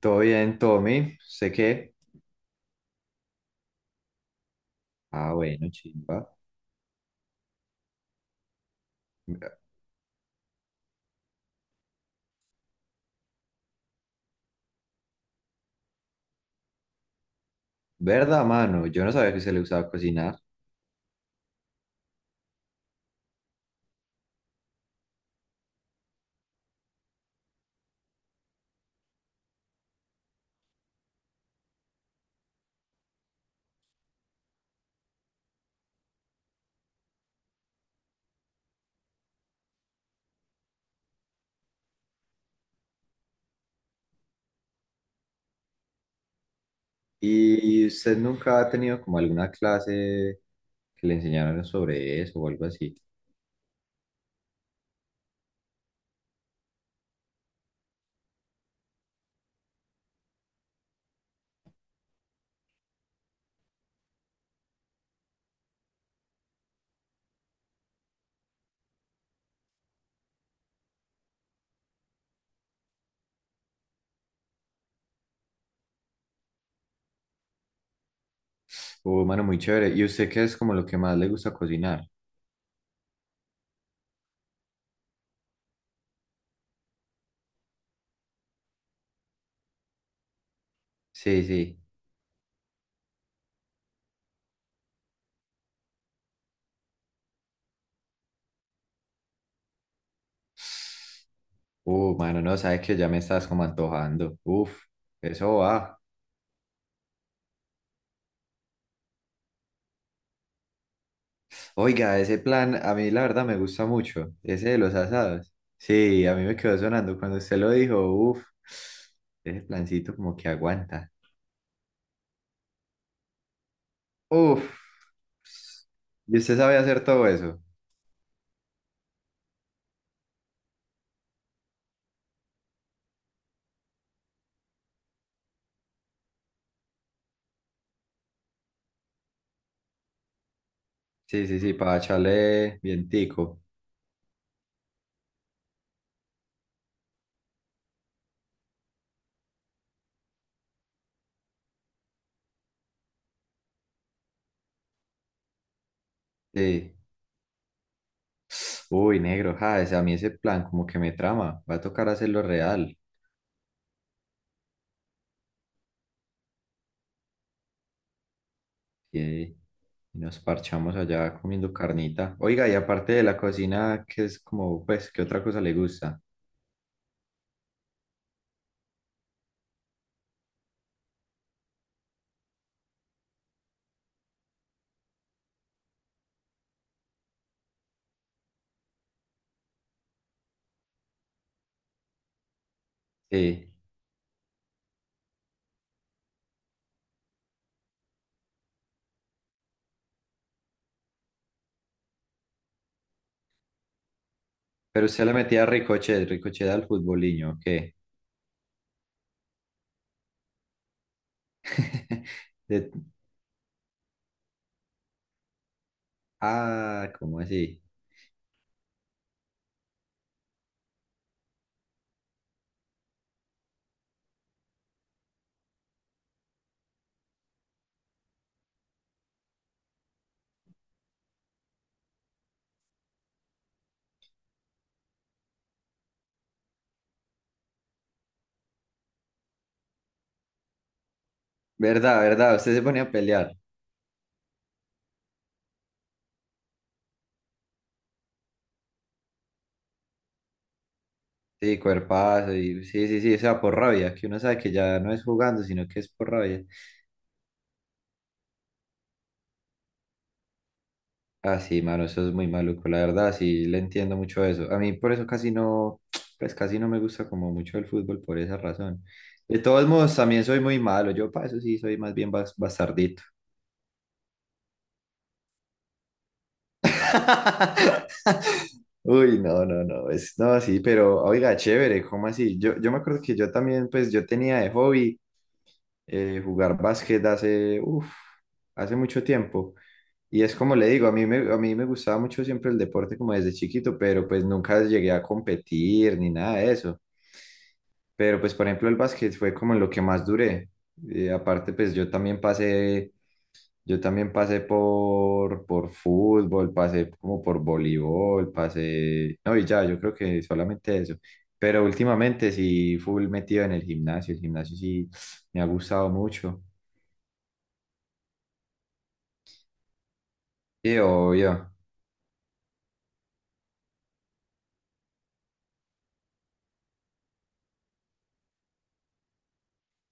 Todo bien, Tommy. Sé que. Ah, bueno, chimba. ¿Verdad, mano? Yo no sabía que se le usaba cocinar. ¿Y usted nunca ha tenido como alguna clase que le enseñaron sobre eso o algo así? Mano, muy chévere. ¿Y usted qué es como lo que más le gusta cocinar? Sí, sí. Mano, no, sabes que ya me estás como antojando. Uf, eso va. Oiga, ese plan a mí la verdad me gusta mucho, ese de los asados. Sí, a mí me quedó sonando cuando usted lo dijo, uff, ese plancito como que aguanta. Uff, y usted sabe hacer todo eso. Sí, sí, sí, para echarle vientico. Sí. Uy, negro, ja, a mí ese plan como que me trama, va a tocar hacerlo real. Sí. Y nos parchamos allá comiendo carnita. Oiga, y aparte de la cocina, ¿qué es como, pues, qué otra cosa le gusta? Sí. Pero usted le metía ricochet, ricochet al futboliño, ¿qué? De- Ah, ¿cómo así? Verdad, verdad, usted se ponía a pelear. Sí, cuerpazo, y sí, sí, sí, o sea, por rabia, que uno sabe que ya no es jugando, sino que es por rabia. Ah, sí, mano, eso es muy maluco, la verdad, sí, le entiendo mucho eso. A mí por eso casi no, pues casi no me gusta como mucho el fútbol por esa razón. De todos modos, también soy muy malo, yo para eso sí soy más bien bastardito. Uy, no, no, no, es, no, sí, pero oiga, chévere, ¿cómo así? Yo me acuerdo que yo también, pues yo tenía de hobby jugar básquet hace, uf, hace mucho tiempo. Y es como le digo, a mí me gustaba mucho siempre el deporte como desde chiquito, pero pues nunca llegué a competir ni nada de eso. Pero pues por ejemplo el básquet fue como en lo que más duré. Aparte pues yo también pasé por fútbol, pasé como por voleibol, pasé. No, y ya, yo creo que solamente eso. Pero últimamente sí, full metido en el gimnasio. El gimnasio sí me ha gustado mucho. Y obvio.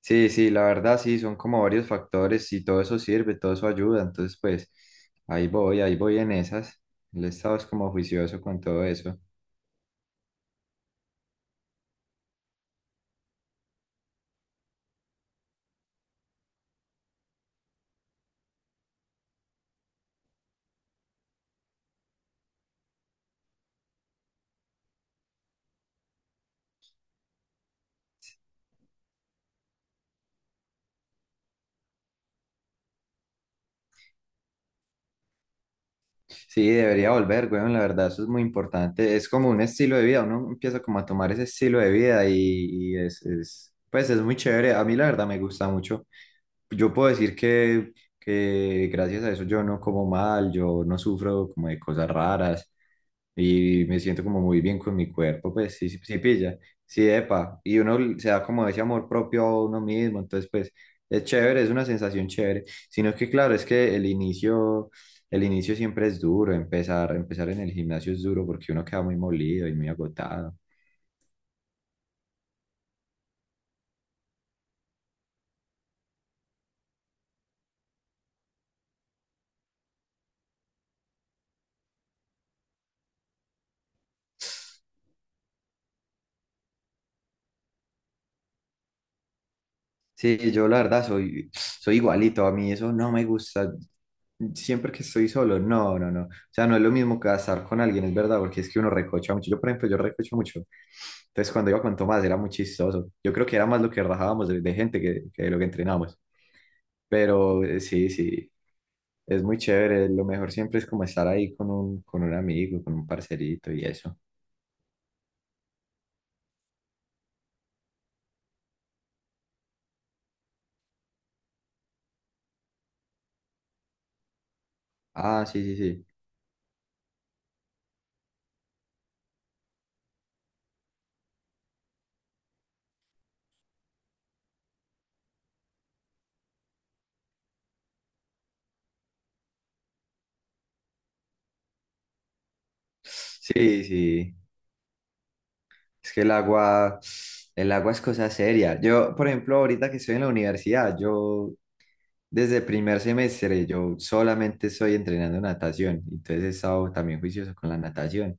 Sí, sí, la verdad sí, son como varios factores y todo eso sirve, todo eso ayuda. Entonces, pues, ahí voy en esas. El estado es como juicioso con todo eso. Sí, debería volver, weón, la verdad, eso es muy importante. Es como un estilo de vida, uno empieza como a tomar ese estilo de vida y es, pues es muy chévere. A mí la verdad me gusta mucho. Yo puedo decir que gracias a eso yo no como mal, yo no sufro como de cosas raras y me siento como muy bien con mi cuerpo, pues sí, sí, sí pilla, sí, epa. Y uno se da como ese amor propio a uno mismo, entonces pues es chévere, es una sensación chévere. Sino que claro, es que el inicio. El inicio siempre es duro, empezar en el gimnasio es duro porque uno queda muy molido y muy agotado. Sí, yo la verdad soy igualito, a mí eso no me gusta. Siempre que estoy solo, no, no, no. O sea, no es lo mismo que estar con alguien, es verdad, porque es que uno recocha mucho. Yo, por ejemplo, yo recocho mucho. Entonces, cuando iba con Tomás era muy chistoso. Yo creo que era más lo que rajábamos de gente que lo que entrenábamos. Pero sí, sí, es muy chévere. Lo mejor siempre es como estar ahí con un amigo, con un parcerito y eso. Ah, sí, sí, sí. Sí, sí, es que el agua es cosa seria. Yo, por ejemplo, ahorita que estoy en la universidad, yo desde primer semestre, yo solamente estoy entrenando natación, entonces he estado también juicioso con la natación.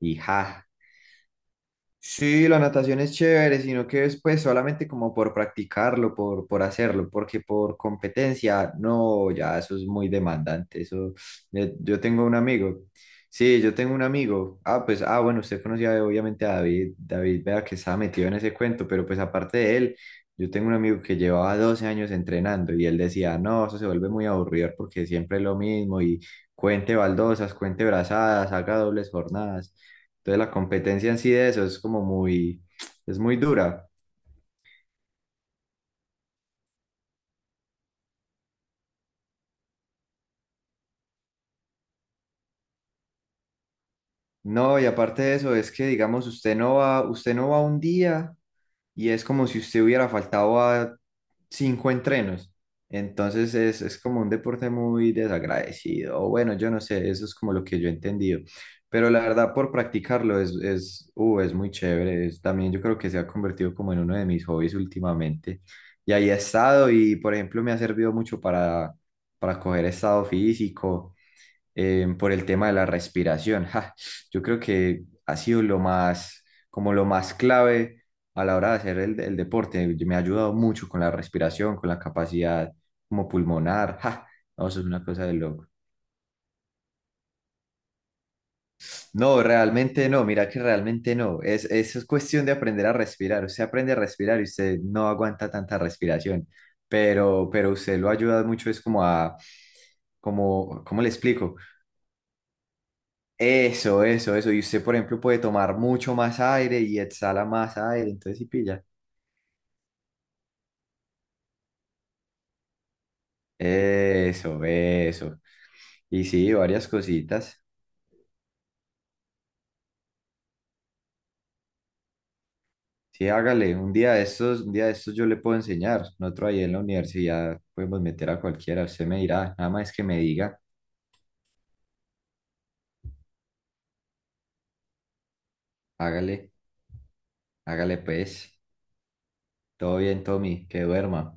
Y ja, sí, la natación es chévere, sino que es pues solamente como por practicarlo, por hacerlo, porque por competencia, no, ya eso es muy demandante. Eso, yo tengo un amigo. Sí, yo tengo un amigo. Ah, pues, ah, bueno, usted conocía obviamente a David. David, vea que estaba metido en ese cuento, pero pues aparte de él, yo tengo un amigo que llevaba 12 años entrenando y él decía, no, eso se vuelve muy aburrido porque siempre es lo mismo y cuente baldosas, cuente brazadas, haga dobles jornadas. Entonces la competencia en sí de eso es como muy, es muy dura. No, y aparte de eso es que, digamos, usted no va un día y es como si usted hubiera faltado a cinco entrenos. Entonces es como un deporte muy desagradecido. O bueno, yo no sé, eso es como lo que yo he entendido. Pero la verdad, por practicarlo es muy chévere. También yo creo que se ha convertido como en uno de mis hobbies últimamente. Y ahí he estado y, por ejemplo, me ha servido mucho para coger estado físico por el tema de la respiración. Ja, yo creo que ha sido lo más, como lo más clave a la hora de hacer el deporte. Me ha ayudado mucho con la respiración, con la capacidad como pulmonar. Ja, no, eso es una cosa de loco. No, realmente no, mira que realmente no. Eso es cuestión de aprender a respirar. Usted aprende a respirar y usted no aguanta tanta respiración, pero usted lo ayuda mucho, es como a, como, ¿cómo le explico? Eso, eso, eso. Y usted, por ejemplo, puede tomar mucho más aire y exhala más aire, entonces sí pilla. Eso, eso. Y sí, varias cositas. Sí, hágale, un día de estos, un día de estos yo le puedo enseñar. Nosotros ahí en la universidad podemos meter a cualquiera, usted me dirá, nada más que me diga, hágale, hágale pues. Todo bien, Tommy, que duerma.